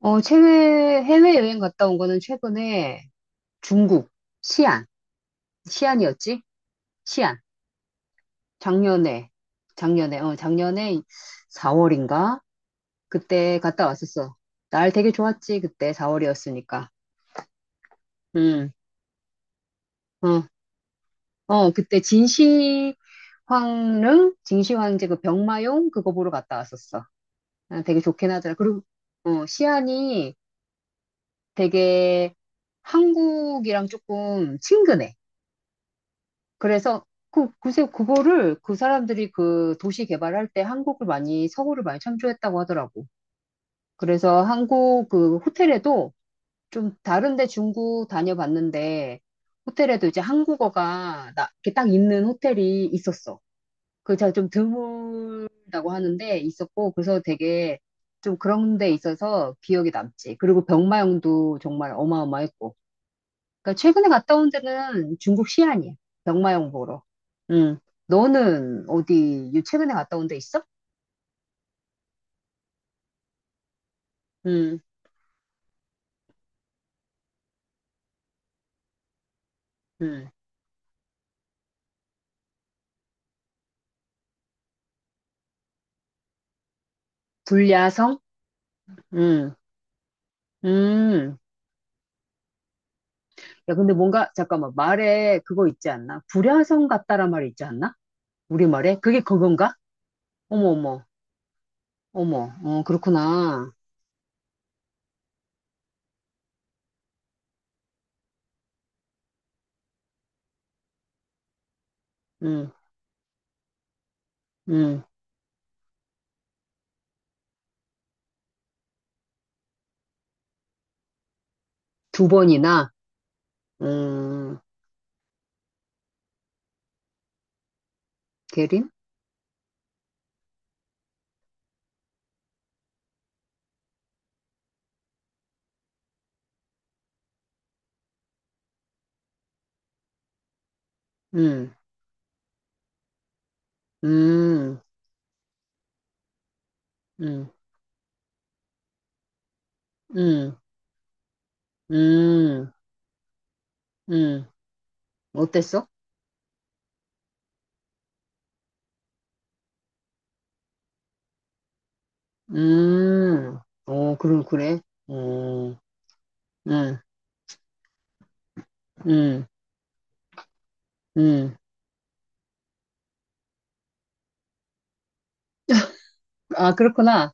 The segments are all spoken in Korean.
해외여행 갔다 온 거는 최근에 중국, 시안, 시안이었지? 시안. 작년에, 작년에 4월인가? 그때 갔다 왔었어. 날 되게 좋았지, 그때 4월이었으니까. 음, 어, 그때 진시황릉, 진시황제 그 병마용 그거 보러 갔다 왔었어. 아, 되게 좋긴 하더라. 그리고, 시안이 되게 한국이랑 조금 친근해. 그래서 글쎄 그거를 그 사람들이 그 도시 개발할 때 한국을 많이, 서울을 많이 참조했다고 하더라고. 그래서 한국 그 호텔에도 좀 다른데 중국 다녀봤는데 호텔에도 이제 한국어가 이렇게 딱 있는 호텔이 있었어. 그 제가 좀 드물다고 하는데 있었고 그래서 되게 좀 그런 데 있어서 기억이 남지. 그리고 병마용도 정말 어마어마했고. 그러니까 최근에 갔다 온 데는 중국 시안이야. 병마용 보러. 음. 너는 어디 최근에 갔다 온데 있어? 음. 음. 불야성? 음. 음. 야, 근데 뭔가 잠깐만 말에 그거 있지 않나? 불야성 같다란 말이 있지 않나? 우리말에? 그게 그건가? 어머 어머. 어머. 어, 그렇구나. 음. 음. 두 번이나. 음. 계림? 음. 음. 음. 음. 음. 음. 어땠어? 음, 어, 그럼, 그래. 어, 응, 응, 응. 아, 그렇구나.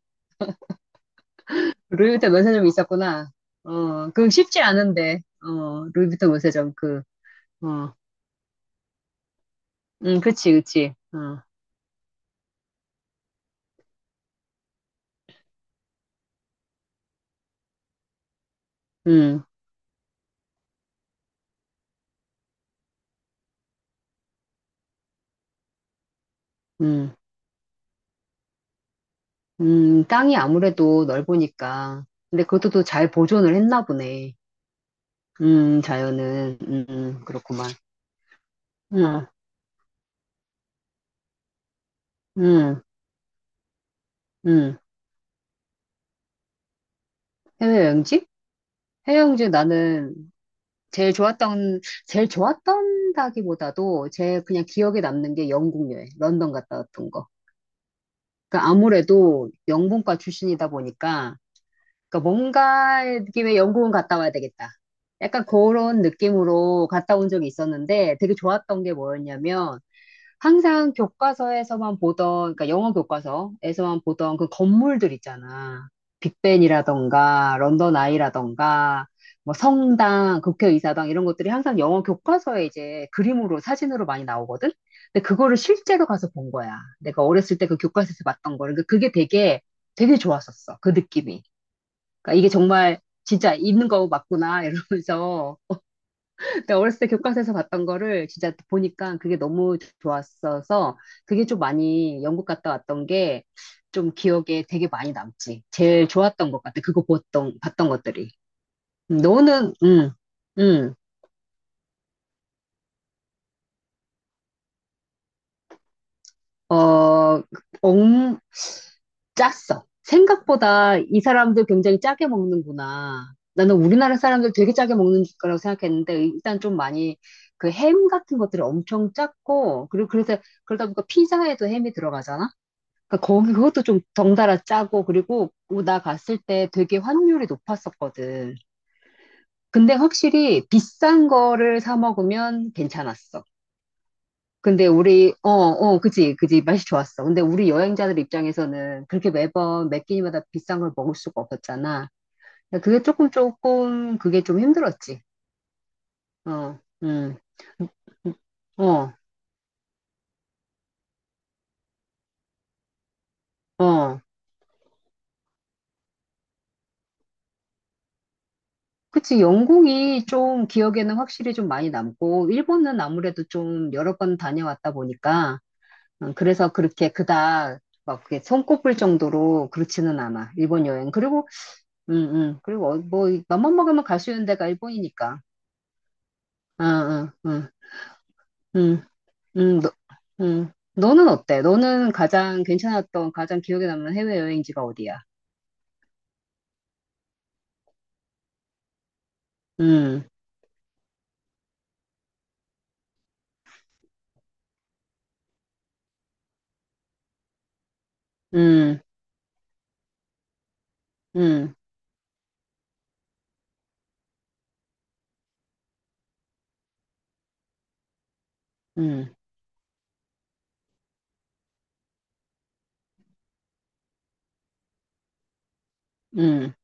루이비통 면세점이 있었구나. 어, 그 쉽지 않은데, 루이비통 면세점, 어, 응, 그치, 그치. 어, 응, 응, 땅이 아무래도 넓으니까. 근데 그것도 또 잘 보존을 했나 보네. 자연은, 그렇구만. 응, 응, 응. 해외여행지? 해외여행지 나는 제일 좋았던, 제일 좋았던다기보다도 제 그냥 기억에 남는 게 영국 여행, 런던 갔다 왔던 거. 그러니까 아무래도 영문과 출신이다 보니까, 그러니까 뭔가 느낌의 영국은 갔다 와야 되겠다. 약간 그런 느낌으로 갔다 온 적이 있었는데 되게 좋았던 게 뭐였냐면, 항상 교과서에서만 보던, 그러니까 영어 교과서에서만 보던 그 건물들 있잖아. 빅벤이라던가, 런던 아이라던가, 뭐 성당, 국회의사당 이런 것들이 항상 영어 교과서에 이제 그림으로, 사진으로 많이 나오거든? 근데 그거를 실제로 가서 본 거야. 내가 어렸을 때 그 교과서에서 봤던 거를. 그러니까 그게 되게 좋았었어. 그 느낌이. 그러니까 이게 정말 진짜 있는 거 맞구나, 이러면서. 그러니까 어렸을 때 교과서에서 봤던 거를 진짜 보니까 그게 너무 좋았어서 그게 좀 많이 영국 갔다 왔던 게 좀 기억에 되게 많이 남지. 제일 좋았던 것 같아. 봤던 것들이. 너는, 음, 어, 엉, 짰어. 생각보다 이 사람들 굉장히 짜게 먹는구나. 나는 우리나라 사람들 되게 짜게 먹는 거라고 생각했는데 일단 좀 많이 그 햄 같은 것들이 엄청 짰고 그리고 그래서 그러다 보니까 피자에도 햄이 들어가잖아. 그러니까 거기 그것도 좀 덩달아 짜고 그리고 나다 갔을 때 되게 환율이 높았었거든. 근데 확실히 비싼 거를 사 먹으면 괜찮았어. 근데 우리 그지 맛이 좋았어. 근데 우리 여행자들 입장에서는 그렇게 매번 매 끼니마다 비싼 걸 먹을 수가 없었잖아. 근데 그게 조금 조금 그게 좀 힘들었지. 어, 음, 음. 어, 어. 그치, 영국이 좀 기억에는 확실히 좀 많이 남고, 일본은 아무래도 좀 여러 번 다녀왔다 보니까, 그래서 그렇게 그닥 막 그게 손꼽을 정도로 그렇지는 않아, 일본 여행. 그리고 뭐, 맘만 먹으면 갈 수 있는 데가 일본이니까. 응, 응, 응, 응, 응, 응. 너는 어때? 너는 가장 기억에 남는 해외여행지가 어디야? 음 음 음 음 음 음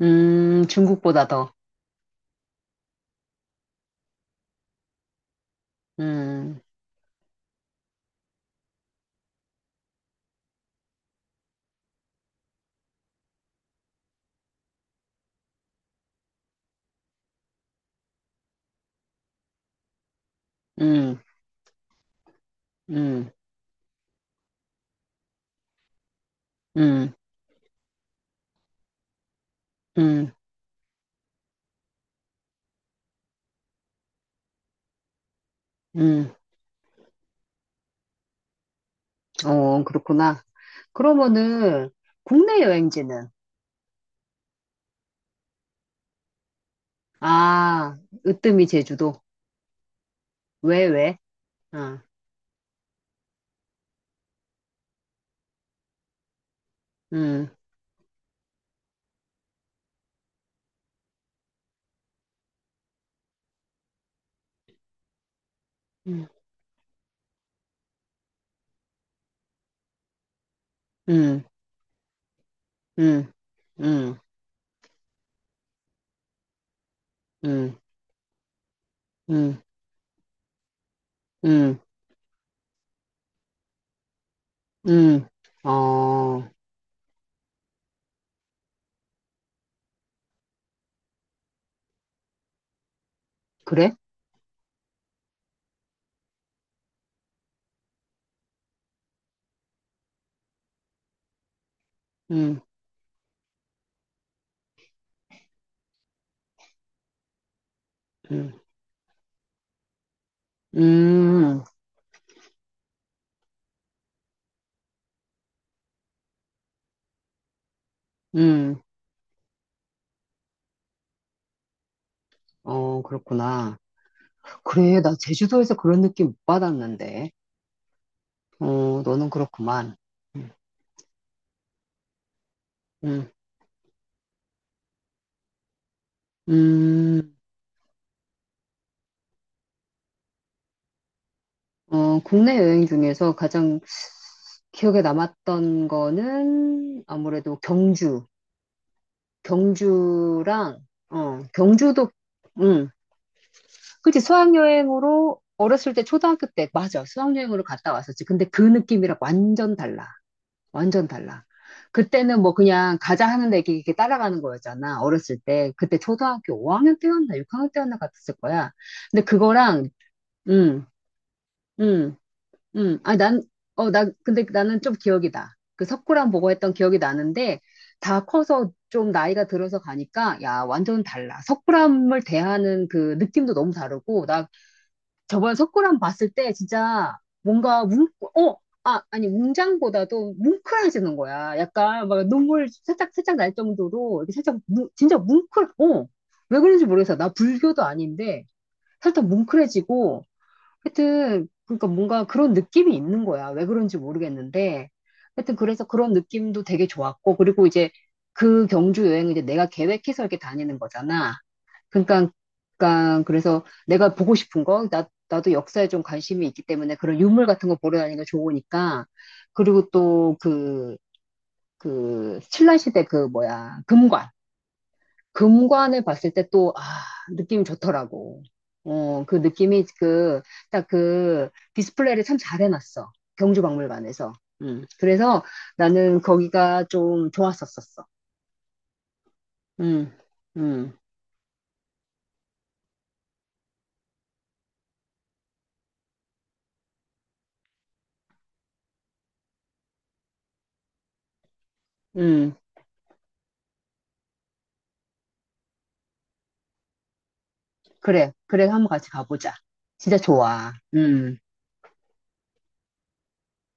중국보다 더. 음. 음. 음. 음. 음. 음. 음. 어, 그렇구나. 그러면은 국내 여행지는 아, 으뜸이 제주도. 왜 왜? 아. 음. 음. 음. 음. 음. 음. 음. 음. 음. 어, 그래? 음. 음. 음. 음. 어, 그렇구나. 그래, 나 제주도에서 그런 느낌 못 받았는데. 어, 너는 그렇구만. 음. 음. 음. 국내 여행 중에서 가장 기억에 남았던 거는 아무래도 경주. 경주랑, 경주도, 음, 그치, 수학여행으로 어렸을 때 초등학교 때, 맞아. 수학여행으로 갔다 왔었지. 근데 그 느낌이랑 완전 달라. 완전 달라. 그때는 뭐 그냥 가자 하는데 이렇게 따라가는 거였잖아. 어렸을 때. 그때 초등학교 5학년 때였나 6학년 때였나 같았을 거야. 근데 그거랑, 음, 음. 아, 근데 나는 좀 기억이 나. 그석굴랑 보고 했던 기억이 나는데, 다 커서 좀 나이가 들어서 가니까, 야, 완전 달라. 석굴람을 대하는 그 느낌도 너무 다르고, 나 저번에 석굴람 봤을 때 진짜 뭔가 어, 아니, 웅장보다도 뭉클해지는 거야. 약간 막 눈물 살짝, 살짝 날 정도로, 이렇게 살짝, 진짜 뭉클, 어. 왜 그런지 모르겠어. 나 불교도 아닌데, 살짝 뭉클해지고, 하여튼, 그러니까 뭔가 그런 느낌이 있는 거야. 왜 그런지 모르겠는데. 하여튼 그래서 그런 느낌도 되게 좋았고, 그리고 이제 그 경주 여행을 이제 내가 계획해서 이렇게 다니는 거잖아. 그러니까, 그러니까 그래서 내가 보고 싶은 거, 나도 역사에 좀 관심이 있기 때문에 그런 유물 같은 거 보러 다니는 거 좋으니까. 그리고 또 그, 신라시대 그 뭐야, 금관. 금관을 봤을 때 또, 아, 느낌이 좋더라고. 그 느낌이 딱 그 디스플레이를 참 잘 해놨어. 경주박물관에서. 그래서 나는 거기가 좀 좋았었었어. 음, 음, 음. 그래. 그래, 한번 같이 가보자. 진짜 좋아. 음.